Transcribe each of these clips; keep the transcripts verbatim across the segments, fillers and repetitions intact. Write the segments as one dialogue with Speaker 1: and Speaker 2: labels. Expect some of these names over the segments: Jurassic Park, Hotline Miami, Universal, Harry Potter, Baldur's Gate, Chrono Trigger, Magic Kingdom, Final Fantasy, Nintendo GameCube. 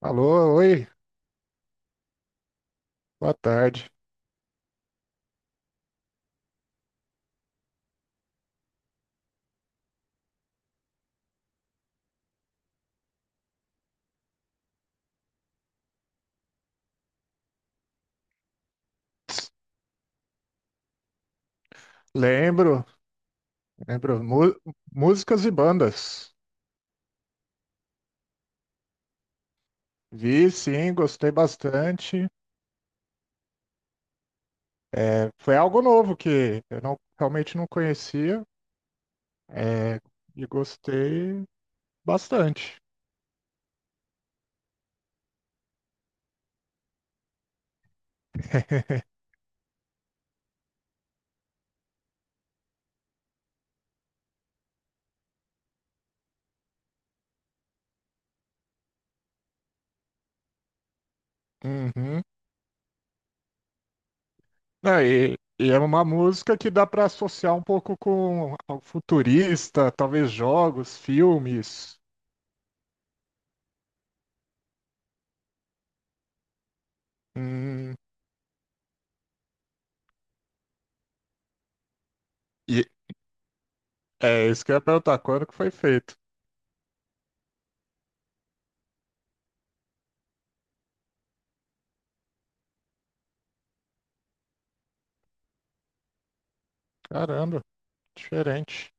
Speaker 1: Alô, oi, boa tarde. Lembro, lembro, mu- músicas e bandas. Vi, sim, gostei bastante. É, foi algo novo que eu não, realmente não conhecia, é, e gostei bastante. Uhum. Não, e, e é uma música que dá para associar um pouco com algo futurista, talvez jogos, filmes. Hum, e é isso que eu ia perguntar, quando que foi feito? Caramba, diferente.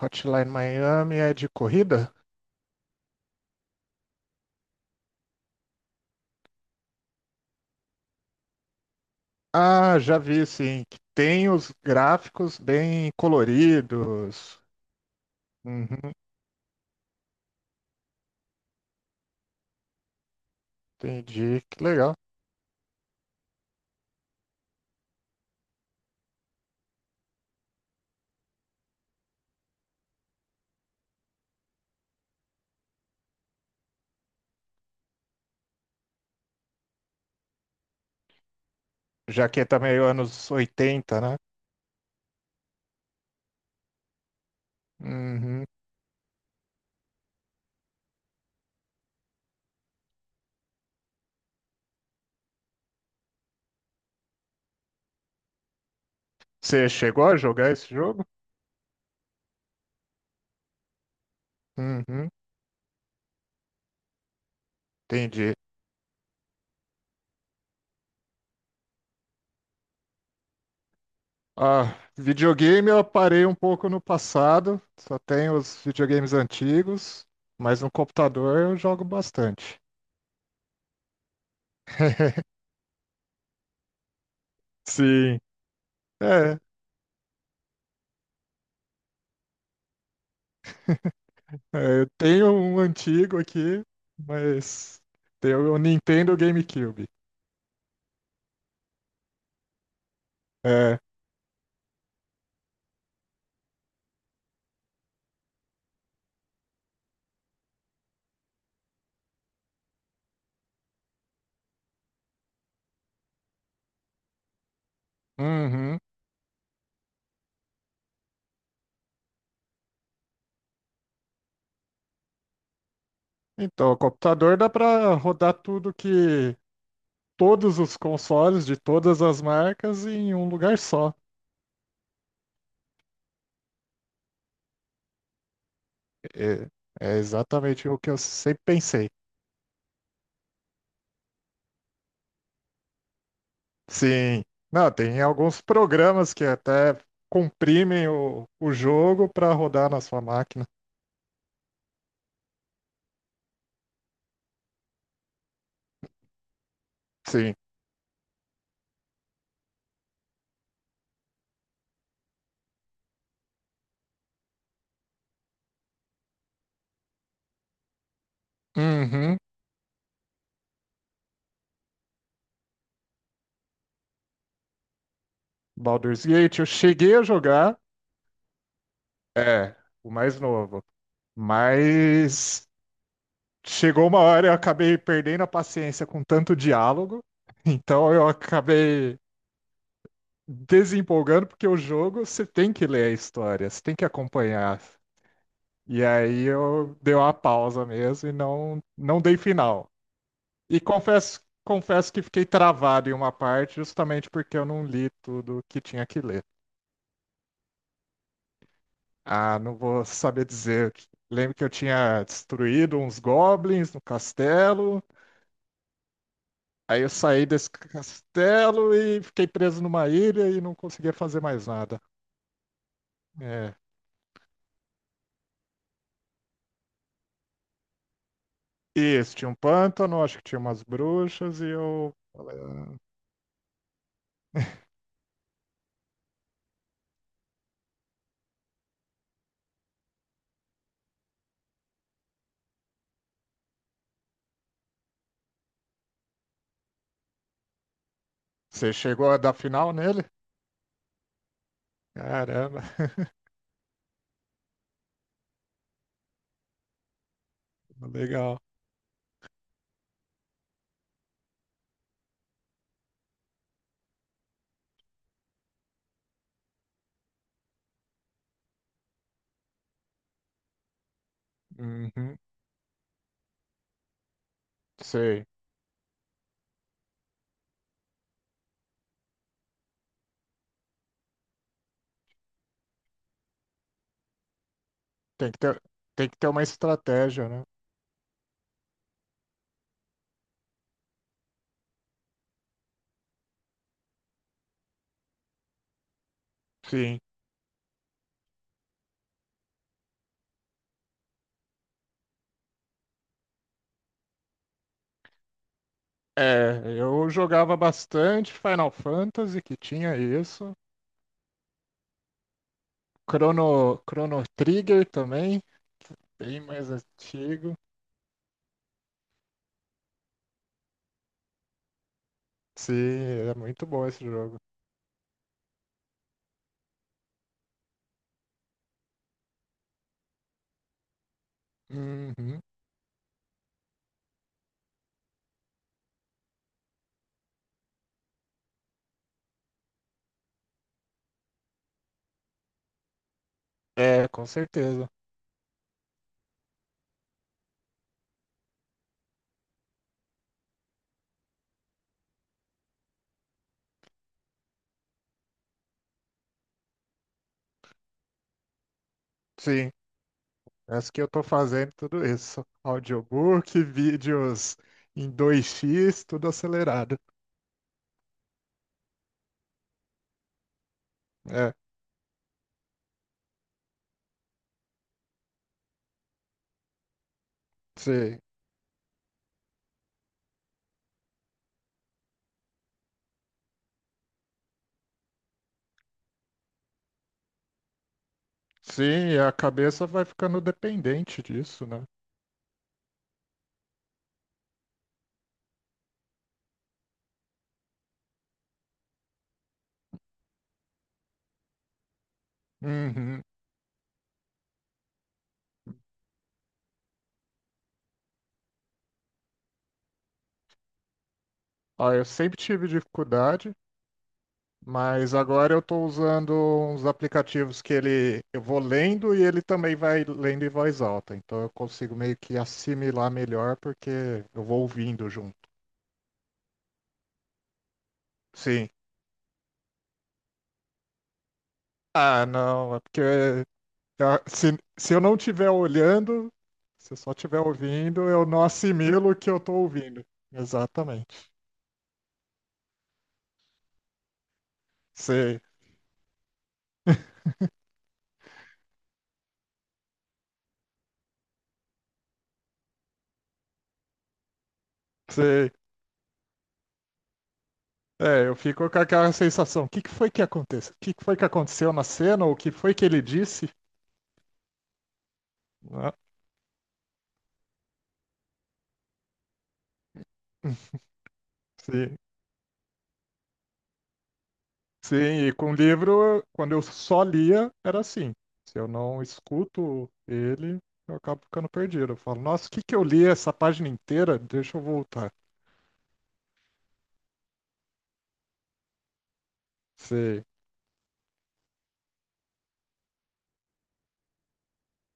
Speaker 1: Hotline Miami é de corrida? Ah, já vi, sim, que tem os gráficos bem coloridos. Uhum, entendi, que legal. Já que é também anos oitenta, né? Uhum. Você chegou a jogar esse jogo? Uhum, entendi. Ah, videogame eu parei um pouco no passado, só tenho os videogames antigos, mas no computador eu jogo bastante. Sim. É, É, eu tenho um antigo aqui, mas tem o Nintendo GameCube. É. Uhum. Então, o computador dá para rodar tudo que todos os consoles de todas as marcas em um lugar só. É, é exatamente o que eu sempre pensei. Sim. Não, tem alguns programas que até comprimem o, o jogo para rodar na sua máquina. Sim. Uhum. Baldur's Gate, eu cheguei a jogar. É, o mais novo. Mas chegou uma hora eu acabei perdendo a paciência com tanto diálogo, então eu acabei desempolgando, porque o jogo você tem que ler a história, você tem que acompanhar. E aí eu dei uma pausa mesmo e não, não dei final. E confesso, confesso que fiquei travado em uma parte justamente porque eu não li tudo que tinha que ler. Ah, não vou saber dizer. Lembro que eu tinha destruído uns goblins no castelo. Aí eu saí desse castelo e fiquei preso numa ilha e não conseguia fazer mais nada. É. Isso, tinha um pântano, acho que tinha umas bruxas e eu falei, "Ah, Você chegou a dar final nele? Caramba, legal. Uhum, sei. Tem que ter, tem que ter uma estratégia, né? Sim. É, eu jogava bastante Final Fantasy, que tinha isso. Chrono, Chrono Trigger também, bem mais antigo. Sim, é muito bom esse jogo. Uhum. É, com certeza. Sim, essa que eu tô fazendo tudo isso. Audiobook, vídeos em dois x tudo acelerado. É, sim. Sim, e a cabeça vai ficando dependente disso, né? Uhum. Ah, eu sempre tive dificuldade, mas agora eu tô usando uns aplicativos que ele eu vou lendo e ele também vai lendo em voz alta. Então eu consigo meio que assimilar melhor porque eu vou ouvindo junto. Sim. Ah, não, é porque ah, se, se eu não estiver olhando, se eu só estiver ouvindo, eu não assimilo o que eu estou ouvindo. Exatamente. Sei, sei. É, eu fico com aquela sensação. O que que foi que aconteceu? O que que foi que aconteceu na cena? Ou o que foi que ele disse? Ah, Sim, sim, e com o livro, quando eu só lia, era assim. Se eu não escuto ele, eu acabo ficando perdido. Eu falo, nossa, o que que eu li essa página inteira? Deixa eu voltar. Sei.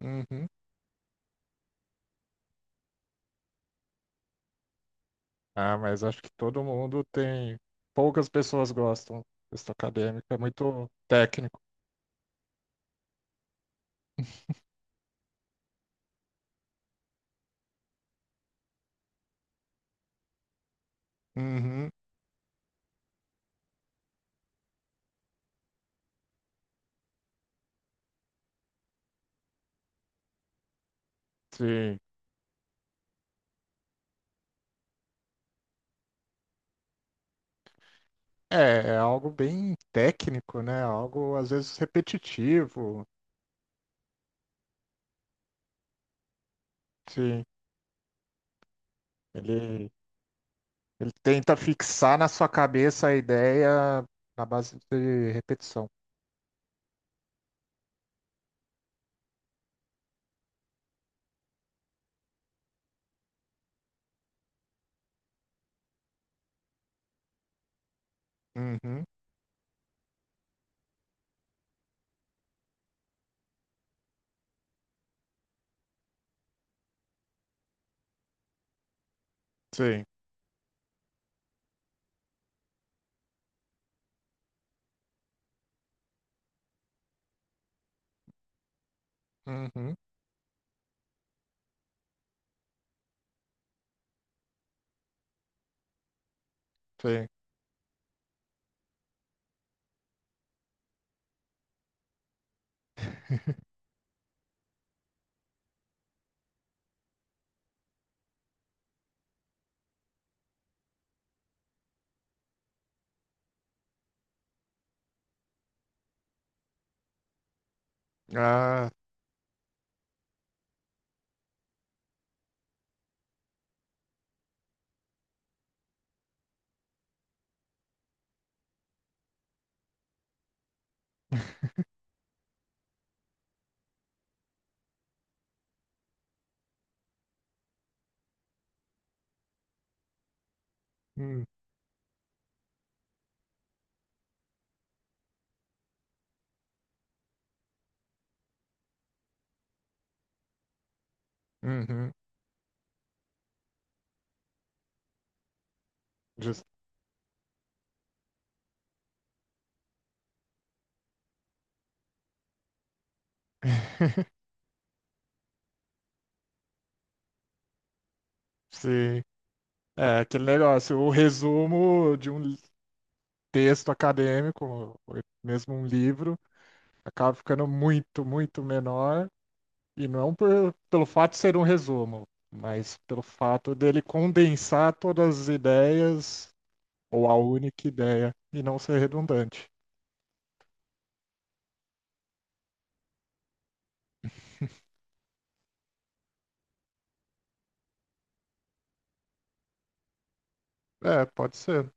Speaker 1: Uhum. Ah, mas acho que todo mundo tem. Poucas pessoas gostam. Texto acadêmico é muito técnico. Uhum, sim. É, é algo bem técnico, né? Algo às vezes repetitivo. Sim. Ele, ele tenta fixar na sua cabeça a ideia na base de repetição. Uhum, sim. Uhum, sim. Ah, hum, uhum, jus- sim. É aquele negócio, o resumo de um, texto acadêmico, ou mesmo um livro, acaba ficando muito, muito menor. E não é um por, pelo fato de ser um resumo, mas pelo fato dele condensar todas as ideias ou a única ideia e não ser redundante. É, pode ser.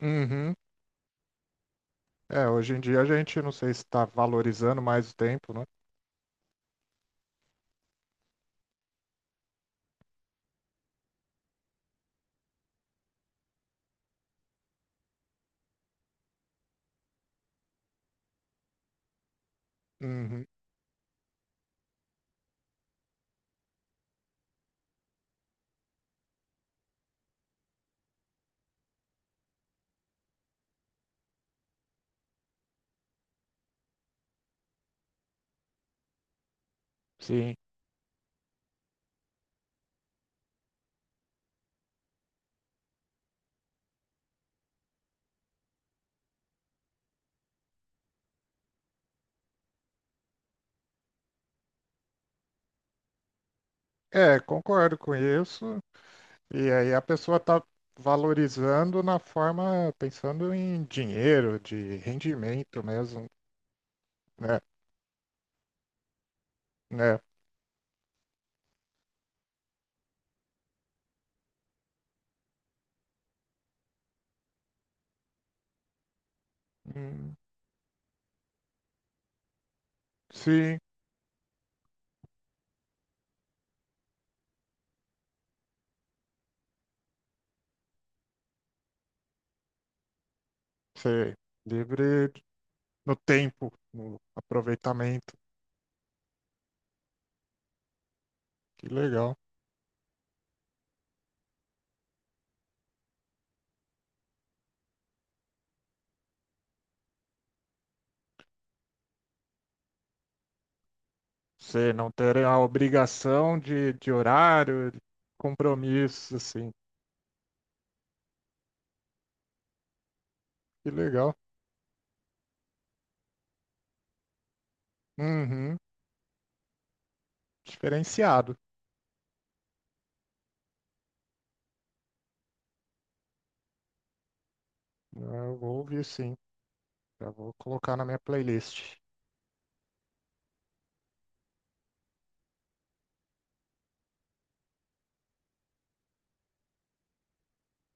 Speaker 1: Uhum. É, hoje em dia a gente não sei se está valorizando mais o tempo, né? Uhum. Sim. É, concordo com isso. E aí a pessoa tá valorizando na forma, pensando em dinheiro, de rendimento mesmo, né? Né? Hum, sim, sei. Livre de- no tempo, no aproveitamento. Que legal. Você não ter a obrigação de, de, horário, de compromisso, assim. Que legal. Uhum. Diferenciado. Eu vou ouvir sim. Já vou colocar na minha playlist.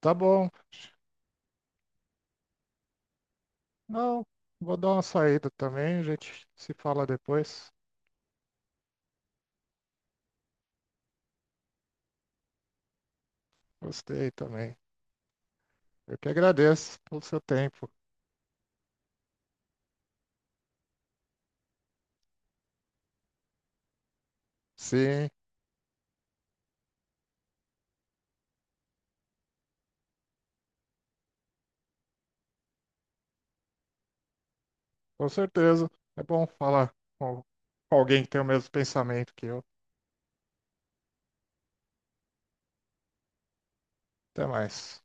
Speaker 1: Tá bom. Não, vou dar uma saída também, a gente se fala depois. Gostei também. Eu que agradeço pelo seu tempo. Sim, com certeza. É bom falar com alguém que tem o mesmo pensamento que eu. Até mais.